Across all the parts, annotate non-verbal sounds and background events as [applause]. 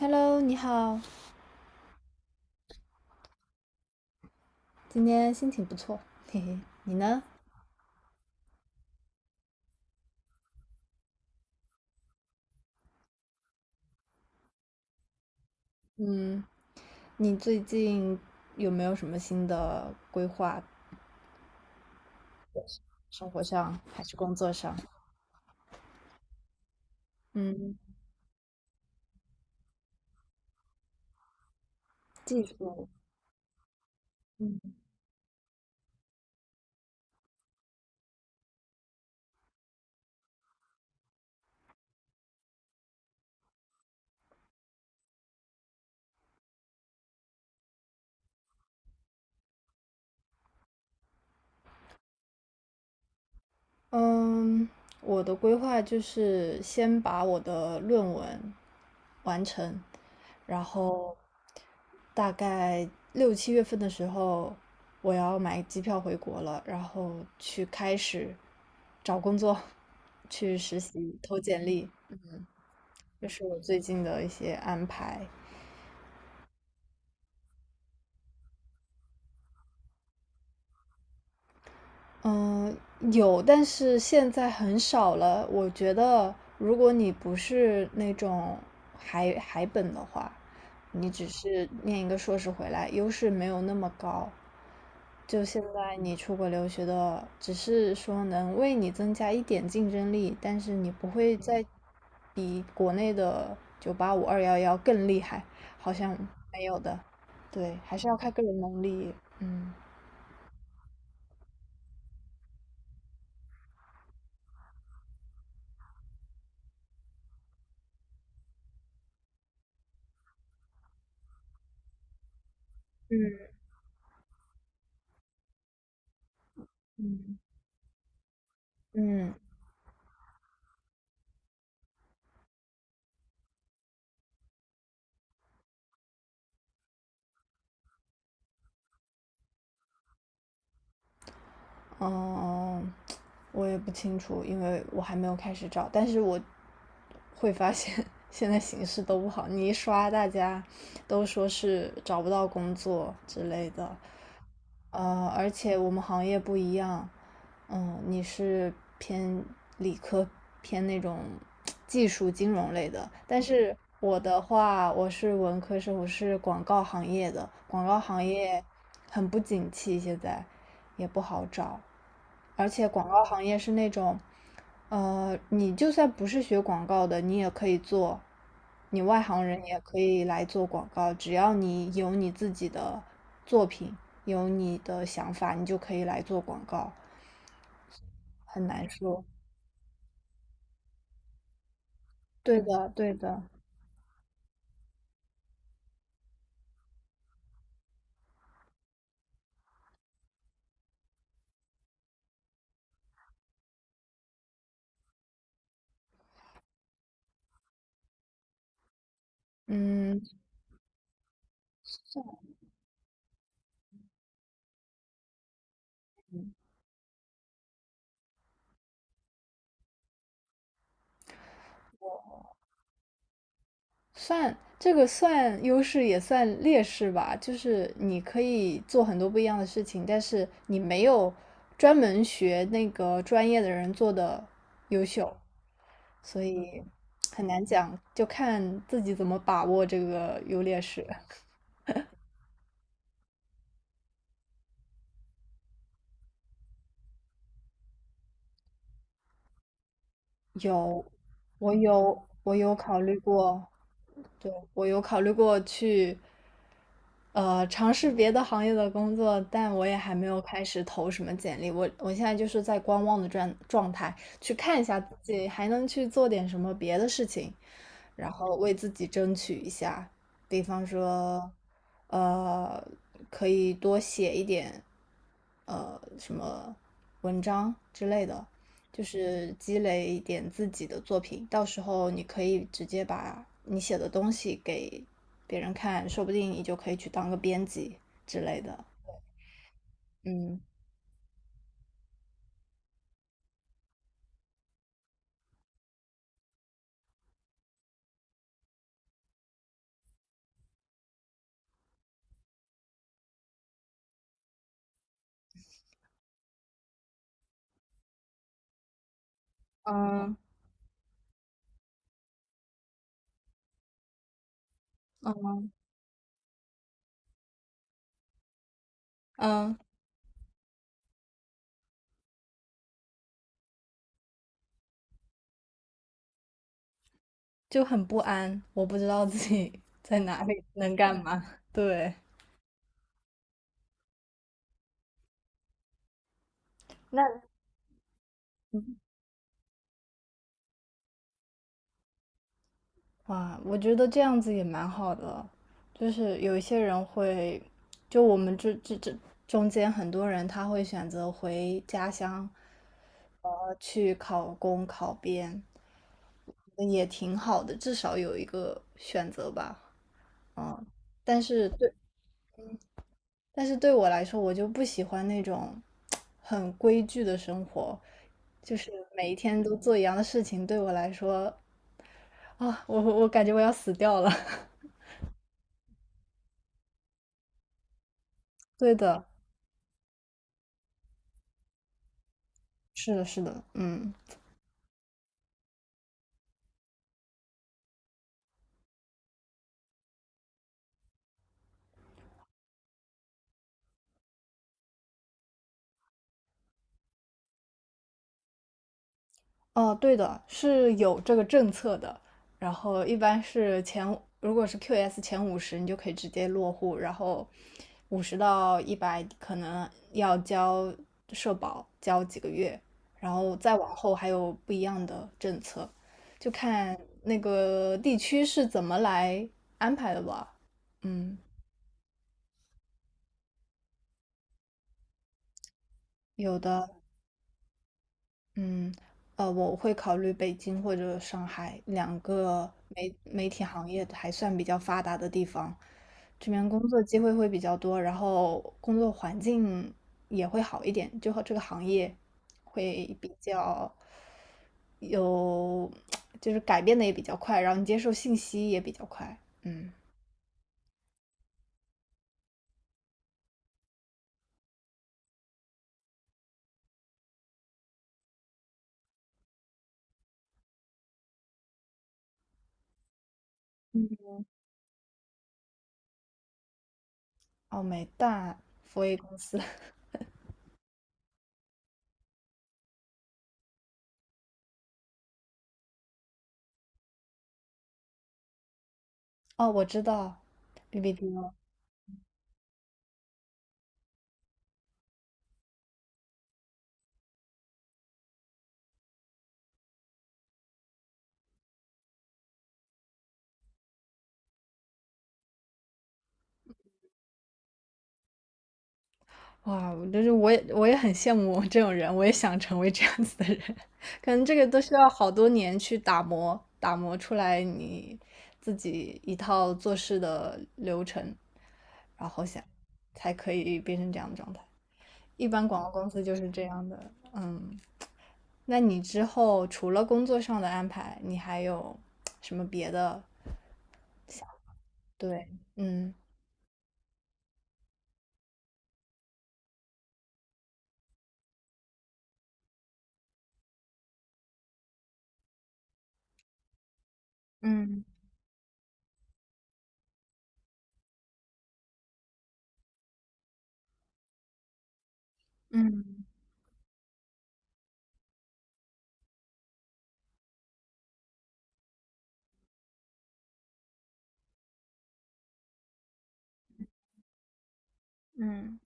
Hello，你好，今天心情不错，嘿嘿，你呢？嗯，你最近有没有什么新的规划？生活上还是工作上？嗯，技术，嗯嗯，我的规划就是先把我的论文完成，然后大概6、7月份的时候，我要买机票回国了，然后去开始找工作，[laughs] 去实习、投简历，这是我最近的一些安排。嗯，有，但是现在很少了。我觉得，如果你不是那种海本的话，你只是念一个硕士回来，优势没有那么高。就现在你出国留学的，只是说能为你增加一点竞争力，但是你不会再比国内的985、211更厉害，好像没有的。对，还是要看个人能力。嗯嗯嗯。嗯。哦，我也不清楚，因为我还没有开始找。但是我会发现 [laughs] 现在形势都不好，你一刷大家都说是找不到工作之类的。而且我们行业不一样，嗯，你是偏理科，偏那种技术金融类的，但是我的话，我是文科生，我是广告行业的，广告行业很不景气现在，也不好找，而且广告行业是那种，你就算不是学广告的，你也可以做，你外行人也可以来做广告，只要你有你自己的作品，有你的想法，你就可以来做广告，很难说。对的，对的，嗯，算这个算优势也算劣势吧，就是你可以做很多不一样的事情，但是你没有专门学那个专业的人做的优秀，所以很难讲，就看自己怎么把握这个优劣势。有，我有，我有考虑过，对，我有考虑过去，尝试别的行业的工作，但我也还没有开始投什么简历。我现在就是在观望的状态，去看一下自己还能去做点什么别的事情，然后为自己争取一下，比方说，呃，可以多写一点，什么文章之类的。就是积累一点自己的作品，到时候你可以直接把你写的东西给别人看，说不定你就可以去当个编辑之类的。嗯，嗯嗯，就很不安，我不知道自己 [laughs] 在哪里能干嘛。对，那哇，我觉得这样子也蛮好的，就是有一些人会，就我们这中间很多人他会选择回家乡，呃，去考公考编，嗯也挺好的，至少有一个选择吧。嗯，但是对，但是对我来说，我就不喜欢那种很规矩的生活，就是每一天都做一样的事情，对我来说啊，我感觉我要死掉了。[laughs] 对的，是的，是的，嗯，哦，对的，是有这个政策的。然后一般是前，如果是 QS 前50，你就可以直接落户。然后50到100可能要交社保，交几个月。然后再往后还有不一样的政策，就看那个地区是怎么来安排的吧。嗯，有的嗯，我会考虑北京或者上海两个媒体行业还算比较发达的地方，这边工作机会会比较多，然后工作环境也会好一点，就和这个行业会比较有，[tsk] 就是改变的也比较快，然后你接受信息也比较快。嗯，哦，美大，佛威公司，[laughs] 哦，我知道 BBDO 哇，但是我也很羡慕这种人，我也想成为这样子的人。[laughs] 可能这个都需要好多年去打磨，打磨出来你自己一套做事的流程，然后想才可以变成这样的状态。一般广告公司就是这样的。嗯，那你之后除了工作上的安排，你还有什么别的想？对，嗯嗯嗯嗯，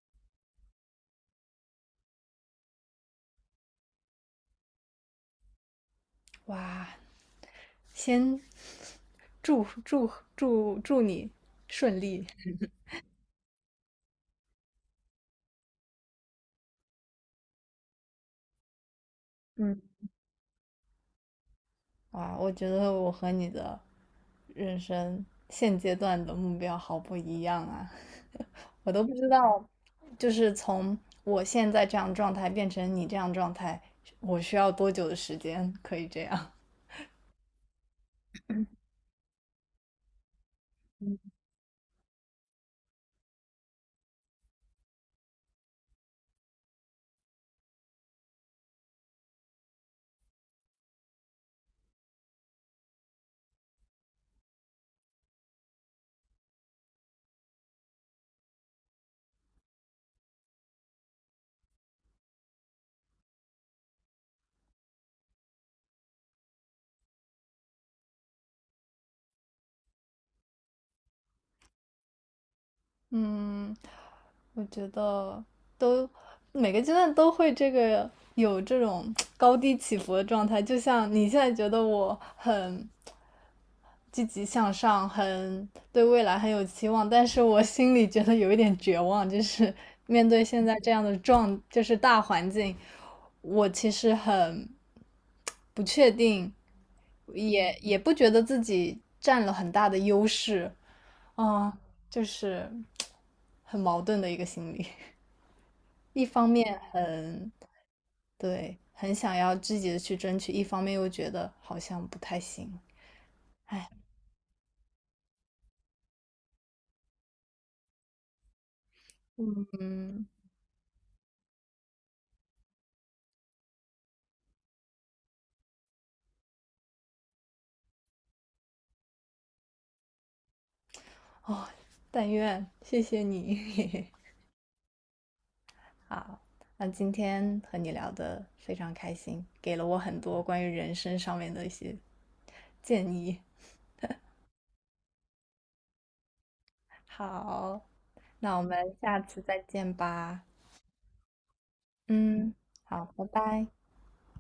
哇，先祝祝祝你顺利。嗯，哇，我觉得我和你的人生现阶段的目标好不一样啊！我都不知道，就是从我现在这样状态变成你这样状态，我需要多久的时间可以这样？[laughs] 嗯，我觉得都每个阶段都会这个有这种高低起伏的状态，就像你现在觉得我很积极向上，很对未来很有期望，但是我心里觉得有一点绝望，就是 [laughs] 面对现在这样的状，就是大环境，我其实很不确定，也不觉得自己占了很大的优势，啊、就是很矛盾的一个心理。[laughs] 一方面很对，很想要积极的去争取，一方面又觉得好像不太行。嗯，哦，但愿，谢谢你。[laughs] 好，那今天和你聊的非常开心，给了我很多关于人生上面的一些建议。好，那我们下次再见吧。嗯，好，拜拜。